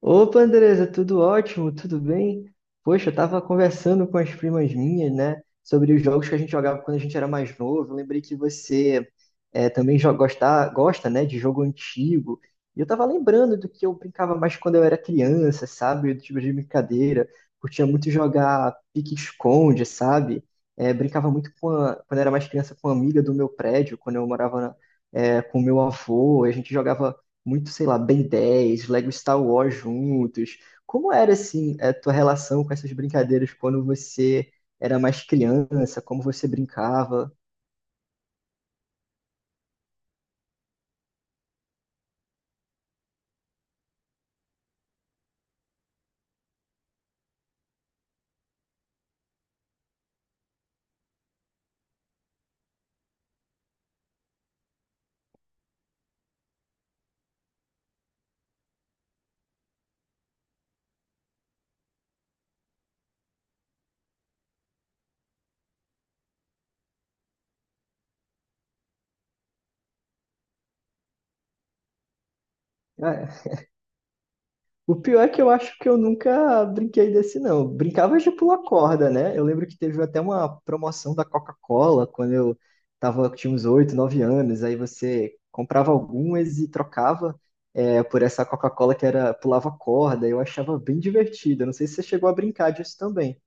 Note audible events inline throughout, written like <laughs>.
Opa, Andresa, tudo ótimo, tudo bem? Poxa, eu tava conversando com as primas minhas, né, sobre os jogos que a gente jogava quando a gente era mais novo. Eu lembrei que você também gosta, né, de jogo antigo. E eu tava lembrando do que eu brincava mais quando eu era criança, sabe? Do tipo de brincadeira. Curtia muito jogar pique-esconde, sabe? Brincava muito quando eu era mais criança com uma amiga do meu prédio, quando eu morava com meu avô. A gente jogava muito, sei lá, Ben 10 Lego Star Wars juntos. Como era, assim, a tua relação com essas brincadeiras quando você era mais criança? Como você brincava? Ah, é. O pior é que eu acho que eu nunca brinquei desse, não. Eu brincava de pular corda, né? Eu lembro que teve até uma promoção da Coca-Cola quando eu tinha uns 8, 9 anos. Aí você comprava algumas e trocava por essa Coca-Cola que era pulava corda. Eu achava bem divertido. Eu não sei se você chegou a brincar disso também.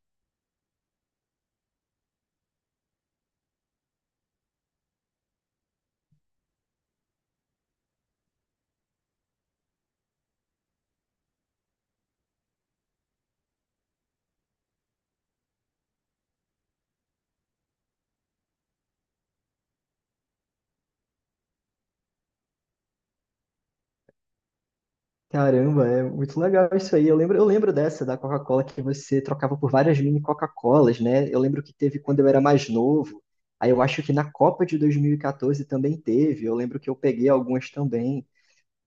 Caramba, é muito legal isso aí. Eu lembro dessa da Coca-Cola que você trocava por várias mini Coca-Colas, né? Eu lembro que teve quando eu era mais novo. Aí eu acho que na Copa de 2014 também teve. Eu lembro que eu peguei algumas também.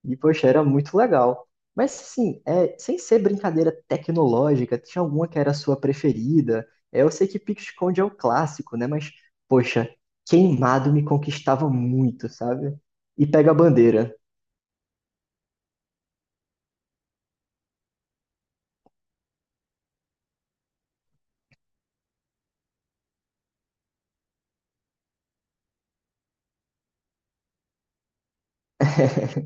E, poxa, era muito legal. Mas, assim, sem ser brincadeira tecnológica, tinha alguma que era a sua preferida? Eu sei que pique-esconde é o clássico, né? Mas, poxa, queimado me conquistava muito, sabe? E pega a bandeira. <laughs>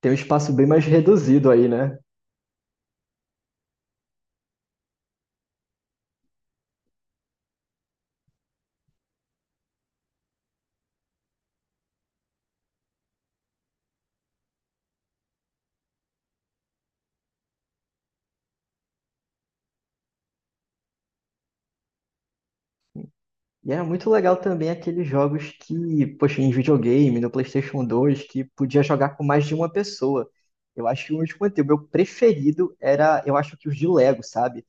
Tem um espaço bem mais reduzido aí, né? E era muito legal também aqueles jogos que, poxa, em videogame, no PlayStation 2, que podia jogar com mais de uma pessoa. Eu acho que o último o meu preferido era, eu acho que os de Lego, sabe?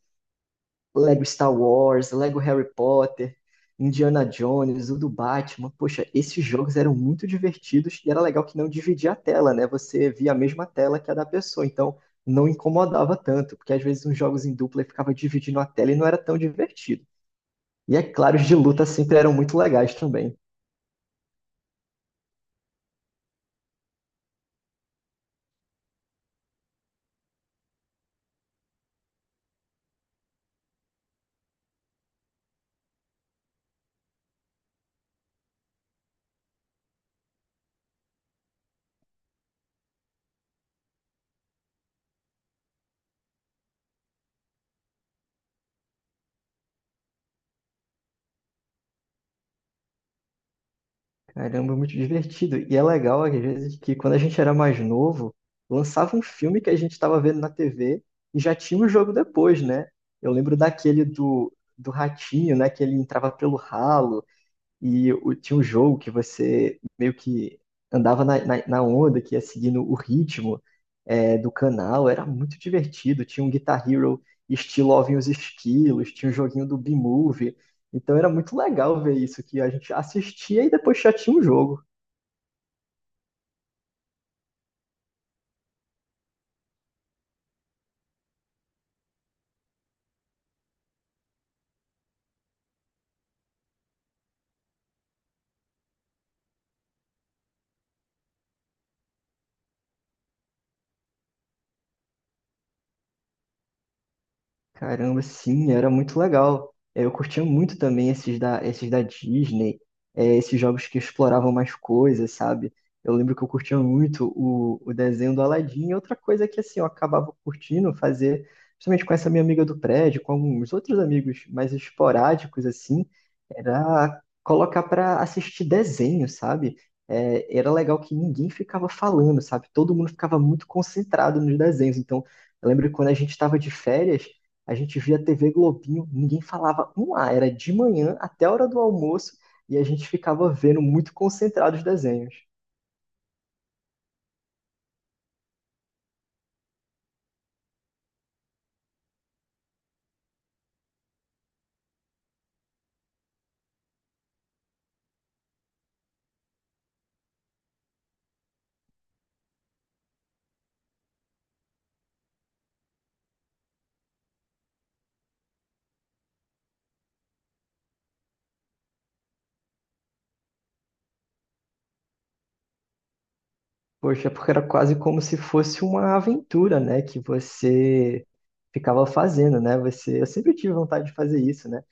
Lego Star Wars, Lego Harry Potter, Indiana Jones, o do Batman. Poxa, esses jogos eram muito divertidos e era legal que não dividia a tela, né? Você via a mesma tela que a da pessoa, então não incomodava tanto, porque às vezes uns jogos em dupla ficava dividindo a tela e não era tão divertido. E é claro, os de luta sempre eram muito legais também. Caramba, muito divertido. E é legal, às vezes, que quando a gente era mais novo, lançava um filme que a gente estava vendo na TV e já tinha o jogo depois, né? Eu lembro daquele do ratinho, né? Que ele entrava pelo ralo. Tinha um jogo que você meio que andava na onda, que ia seguindo o ritmo do canal. Era muito divertido. Tinha um Guitar Hero estilo Ovem os Esquilos, tinha um joguinho do B-Movie. Então era muito legal ver isso, que a gente assistia e depois já tinha um jogo. Caramba, sim, era muito legal. Eu curtia muito também esses da Disney, esses jogos que exploravam mais coisas, sabe? Eu lembro que eu curtia muito o desenho do Aladdin. E outra coisa que assim, eu acabava curtindo fazer, principalmente com essa minha amiga do prédio, com alguns outros amigos mais esporádicos, assim, era colocar para assistir desenho, sabe? Era legal que ninguém ficava falando, sabe? Todo mundo ficava muito concentrado nos desenhos. Então, eu lembro que quando a gente estava de férias, a gente via TV Globinho, ninguém falava um A, era de manhã até a hora do almoço e a gente ficava vendo muito concentrado os desenhos. Poxa, porque era quase como se fosse uma aventura, né, que você ficava fazendo, né? Eu sempre tive vontade de fazer isso, né?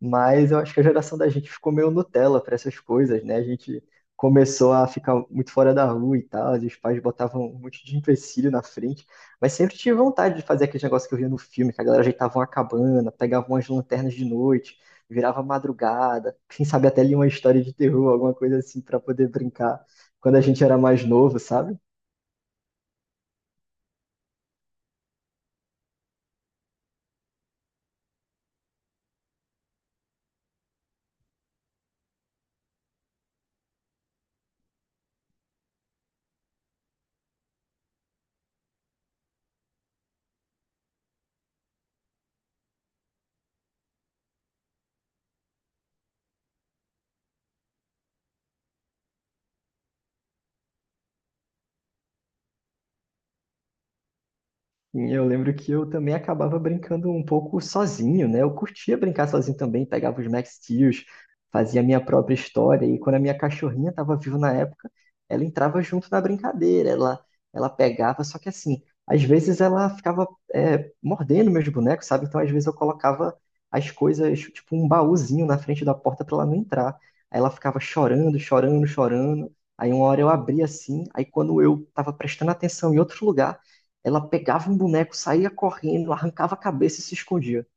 Mas eu acho que a geração da gente ficou meio Nutella para essas coisas, né? A gente começou a ficar muito fora da rua e tal, e os pais botavam um monte de empecilho na frente, mas sempre tive vontade de fazer aquele negócio que eu via no filme, que a galera ajeitava uma cabana, pegava umas lanternas de noite, virava madrugada, quem sabe até lia uma história de terror, alguma coisa assim, para poder brincar quando a gente era mais novo, sabe? E eu lembro que eu também acabava brincando um pouco sozinho, né? Eu curtia brincar sozinho também, pegava os Max Steel, fazia a minha própria história. E quando a minha cachorrinha estava viva na época, ela entrava junto na brincadeira, ela pegava. Só que assim, às vezes ela ficava mordendo meus bonecos, sabe? Então às vezes eu colocava as coisas, tipo um baúzinho na frente da porta para ela não entrar. Aí ela ficava chorando, chorando, chorando. Aí uma hora eu abria assim, aí quando eu estava prestando atenção em outro lugar, ela pegava um boneco, saía correndo, arrancava a cabeça e se escondia.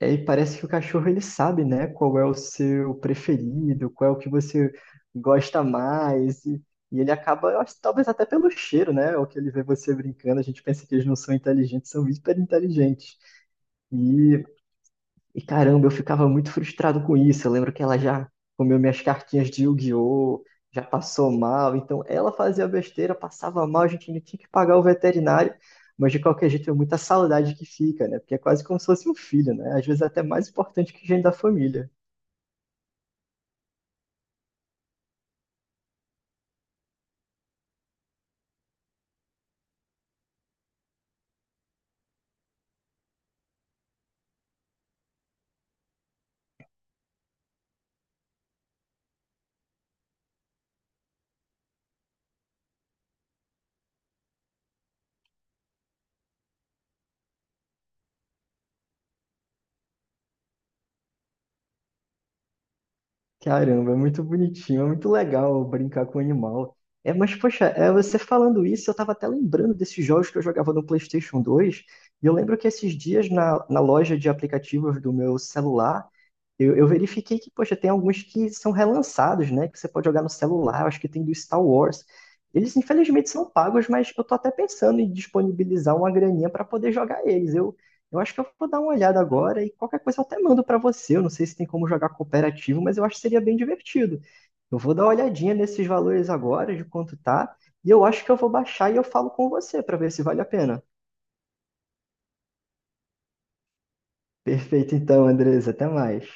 E aí parece que o cachorro ele sabe, né, qual é o seu preferido, qual é o que você gosta mais. E ele acaba, eu acho, talvez até pelo cheiro, né? O que ele vê você brincando, a gente pensa que eles não são inteligentes, são hiper inteligentes. E E caramba, eu ficava muito frustrado com isso. Eu lembro que ela já comeu minhas cartinhas de Yu-Gi-Oh! Já passou mal, então ela fazia besteira, passava mal, a gente ainda tinha que pagar o veterinário, mas de qualquer jeito é muita saudade que fica, né? Porque é quase como se fosse um filho, né? Às vezes é até mais importante que gente da família. Caramba, é muito bonitinho, é muito legal brincar com o animal. É, mas, poxa, você falando isso, eu tava até lembrando desses jogos que eu jogava no PlayStation 2. E eu lembro que esses dias, na loja de aplicativos do meu celular, eu verifiquei que, poxa, tem alguns que são relançados, né? Que você pode jogar no celular, eu acho que tem do Star Wars. Eles, infelizmente, são pagos, mas eu tô até pensando em disponibilizar uma graninha para poder jogar eles. Eu acho que eu vou dar uma olhada agora e qualquer coisa eu até mando pra você. Eu não sei se tem como jogar cooperativo, mas eu acho que seria bem divertido. Eu vou dar uma olhadinha nesses valores agora, de quanto tá, e eu acho que eu vou baixar e eu falo com você pra ver se vale a pena. Perfeito, então, Andres, até mais.